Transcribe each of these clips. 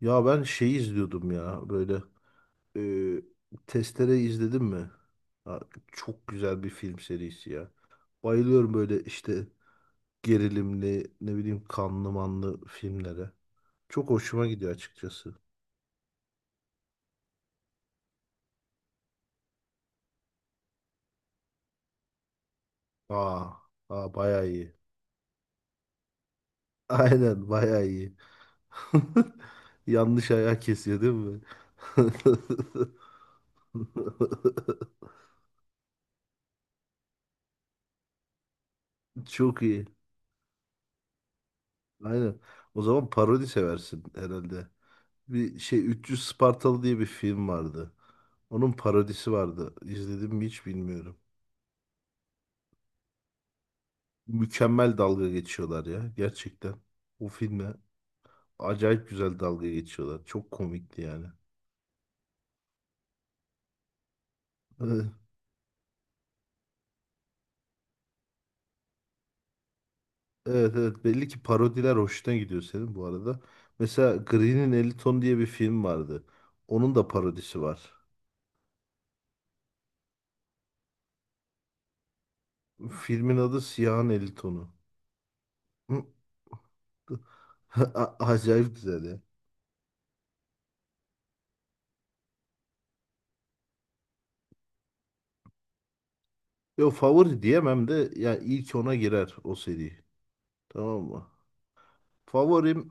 Ya ben şeyi izliyordum ya böyle e, Testere izledim mi? Ha, çok güzel bir film serisi ya. Bayılıyorum böyle işte gerilimli, ne bileyim, kanlı manlı filmlere. Çok hoşuma gidiyor açıkçası. Aa, aa bayağı iyi. Aynen, bayağı iyi. Yanlış ayağı kesiyor değil mi? Çok iyi. Aynen. O zaman parodi seversin herhalde. Bir şey, 300 Spartalı diye bir film vardı. Onun parodisi vardı. İzledim mi hiç bilmiyorum. Mükemmel dalga geçiyorlar ya gerçekten. O filme acayip güzel dalga geçiyorlar. Çok komikti yani. Evet, evet, evet. Belli ki parodiler hoşuna gidiyor senin bu arada. Mesela Green'in 50 Ton diye bir film vardı. Onun da parodisi var. Filmin adı Siyahın 50 Tonu. Hı. Acayip güzel ya. Yo, favori diyemem de ya, ilk ona girer o seri. Tamam mı? Favorim.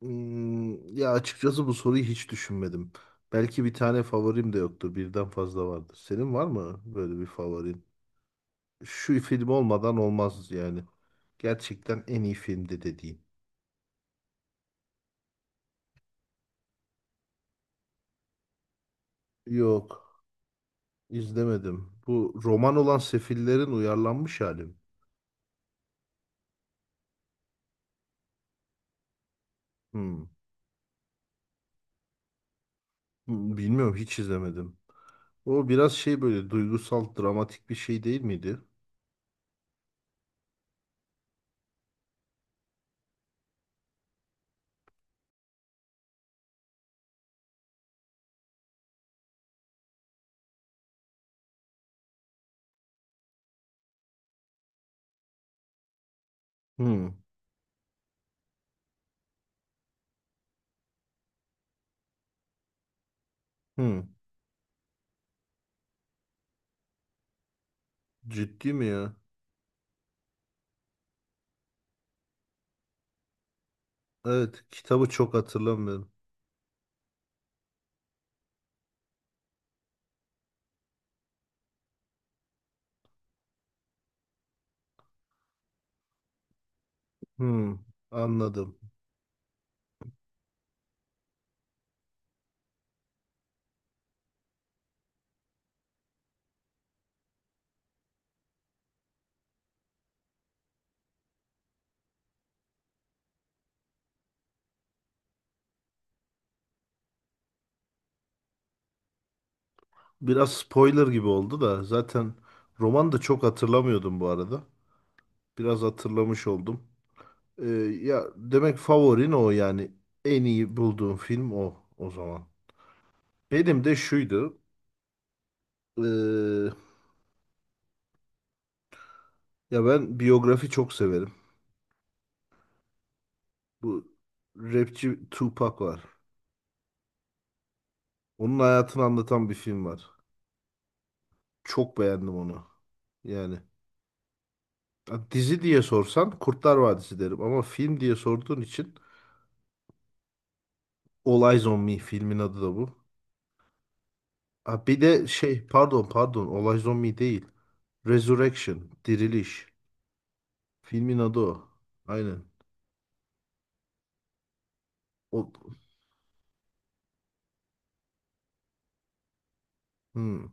Ya açıkçası bu soruyu hiç düşünmedim. Belki bir tane favorim de yoktur. Birden fazla vardır. Senin var mı böyle bir favorin? Şu film olmadan olmaz yani. Gerçekten en iyi filmdi dediğin. Yok, izlemedim. Bu roman olan Sefillerin uyarlanmış hali mi? Hmm, Bilmiyorum, hiç izlemedim. O biraz şey böyle duygusal, dramatik bir şey değil miydi? Hmm. Hmm. Ciddi mi ya? Evet, kitabı çok hatırlamıyorum. Hmm. Anladım. Biraz spoiler gibi oldu da zaten, roman da çok hatırlamıyordum bu arada. Biraz hatırlamış oldum. Ee, Ya demek favorin o, yani en iyi bulduğum film o o zaman. Benim de şuydu. ee, Ya ben biyografi çok severim. Bu rapçi Tupac var. Onun hayatını anlatan bir film var. Çok beğendim onu. Yani ha, dizi diye sorsan Kurtlar Vadisi derim ama film diye sorduğun için, All Eyes on Me, filmin adı da bu. Ha, bir de şey, pardon pardon, olay zombi değil. Resurrection, diriliş. Filmin adı o. Aynen. O, hmm.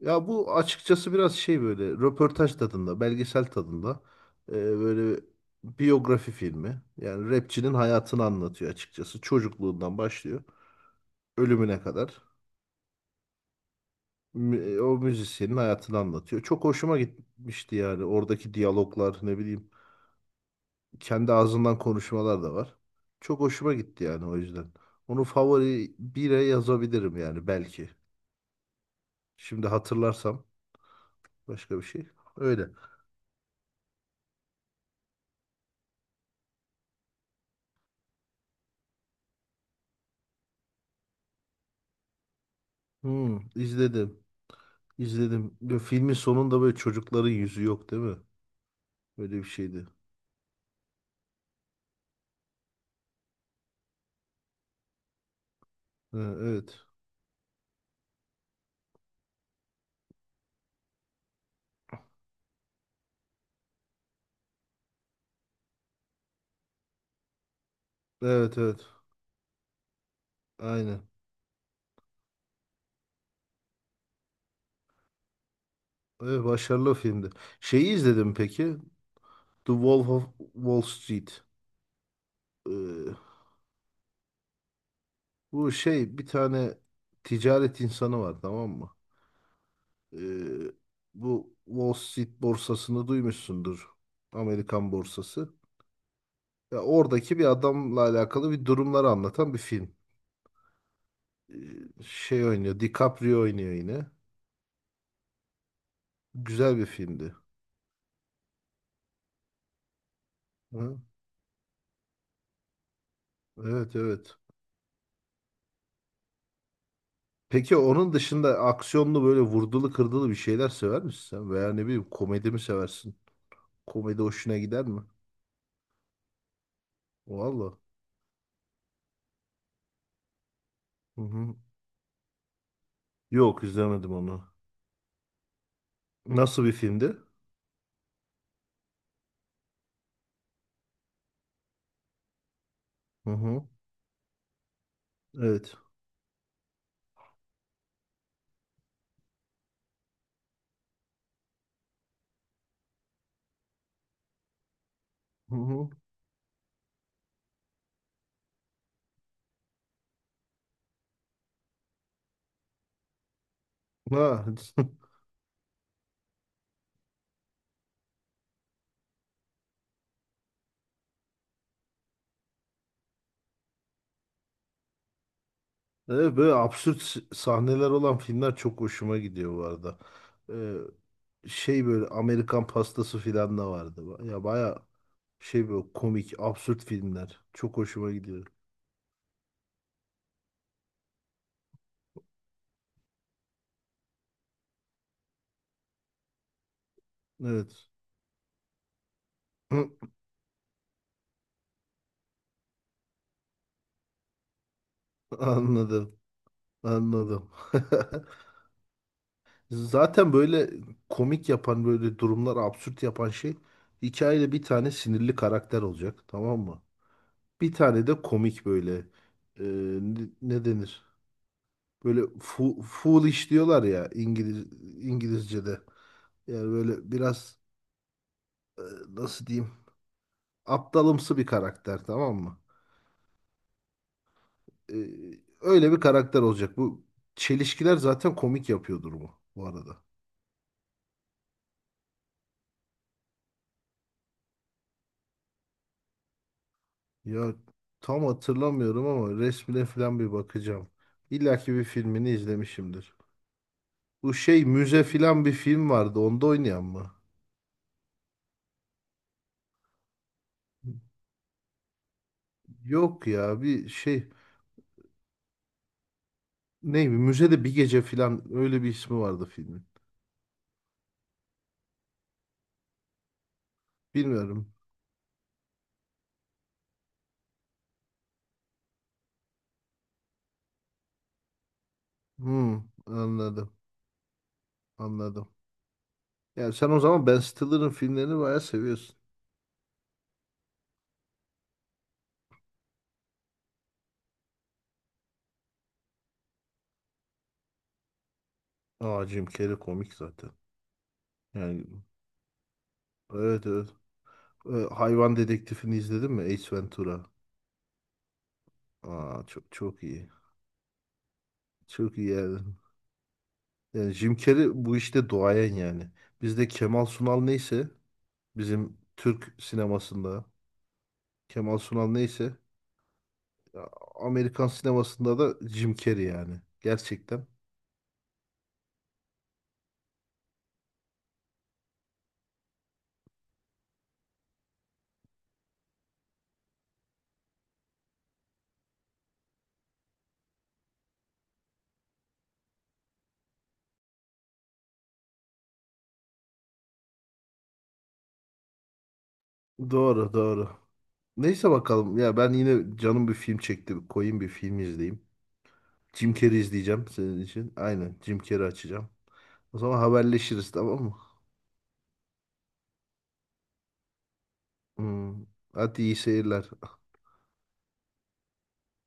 Ya bu açıkçası biraz şey, böyle röportaj tadında, belgesel tadında, böyle biyografi filmi. Yani rapçinin hayatını anlatıyor açıkçası. Çocukluğundan başlıyor ölümüne kadar. O müzisyenin hayatını anlatıyor. Çok hoşuma gitmişti yani, oradaki diyaloglar, ne bileyim. Kendi ağzından konuşmalar da var. Çok hoşuma gitti yani, o yüzden. Onu favori bire yazabilirim yani, belki. Şimdi hatırlarsam başka bir şey. Öyle. İzledim. İzledim. Ve filmin sonunda böyle çocukların yüzü yok değil mi? Öyle bir şeydi. Ha, evet. Evet, evet. Aynen. Evet, başarılı filmdi. Şeyi izledim peki. The Wolf of Wall Street. Ee, Bu şey, bir tane ticaret insanı var, tamam mı? Ee, Bu Wall Street borsasını duymuşsundur. Amerikan borsası. Ya oradaki bir adamla alakalı bir durumları anlatan bir film. Ee, Şey oynuyor, DiCaprio oynuyor yine. Güzel bir filmdi. Hı? Evet, evet. Peki onun dışında aksiyonlu, böyle vurdulu kırdılı bir şeyler sever misin sen? Veya ne bileyim, komedi mi seversin? Komedi hoşuna gider mi? Valla. Hı hı. Yok, izlemedim onu. Nasıl bir filmdi? Hı hı. Evet. Hı hı. Ha. Evet, böyle absürt sahneler olan filmler çok hoşuma gidiyor bu arada. Şey, böyle Amerikan pastası filan da vardı. Ya baya şey, böyle komik, absürt filmler. Çok hoşuma gidiyor. Evet. Anladım. Anladım. Zaten böyle komik yapan, böyle durumlar absürt yapan şey, hikayede bir tane sinirli karakter olacak, tamam mı? Bir tane de komik, böyle e, ne denir? Böyle foolish diyorlar ya, İngilizce'de. Yani böyle biraz, e, nasıl diyeyim, aptalımsı bir karakter, tamam mı? E, Öyle bir karakter olacak. Bu çelişkiler zaten komik yapıyordur bu, bu arada. Ya tam hatırlamıyorum ama resmine falan bir bakacağım. İlla ki bir filmini izlemişimdir. Bu şey, müze falan bir film vardı. Onda oynayan mı? Yok ya, bir şey, ne, bir müzede bir gece falan, öyle bir ismi vardı filmin. Bilmiyorum. Anladım. Anladım. Yani sen o zaman Ben Stiller'ın filmlerini bayağı seviyorsun. Aa, Jim Carrey komik zaten. Yani evet, evet. Hayvan Dedektifini izledin mi? Ace Ventura. Aa, çok çok iyi. Çok iyi yani. Yani Jim Carrey bu işte duayen yani. Bizde Kemal Sunal neyse, bizim Türk sinemasında Kemal Sunal neyse ya, Amerikan sinemasında da Jim Carrey yani. Gerçekten. Doğru, doğru. Neyse bakalım. Ya ben yine canım bir film çekti. Koyayım bir film izleyeyim. Jim Carrey izleyeceğim senin için. Aynen, Jim Carrey açacağım. O zaman haberleşiriz, tamam mı? Hmm. Hadi iyi seyirler.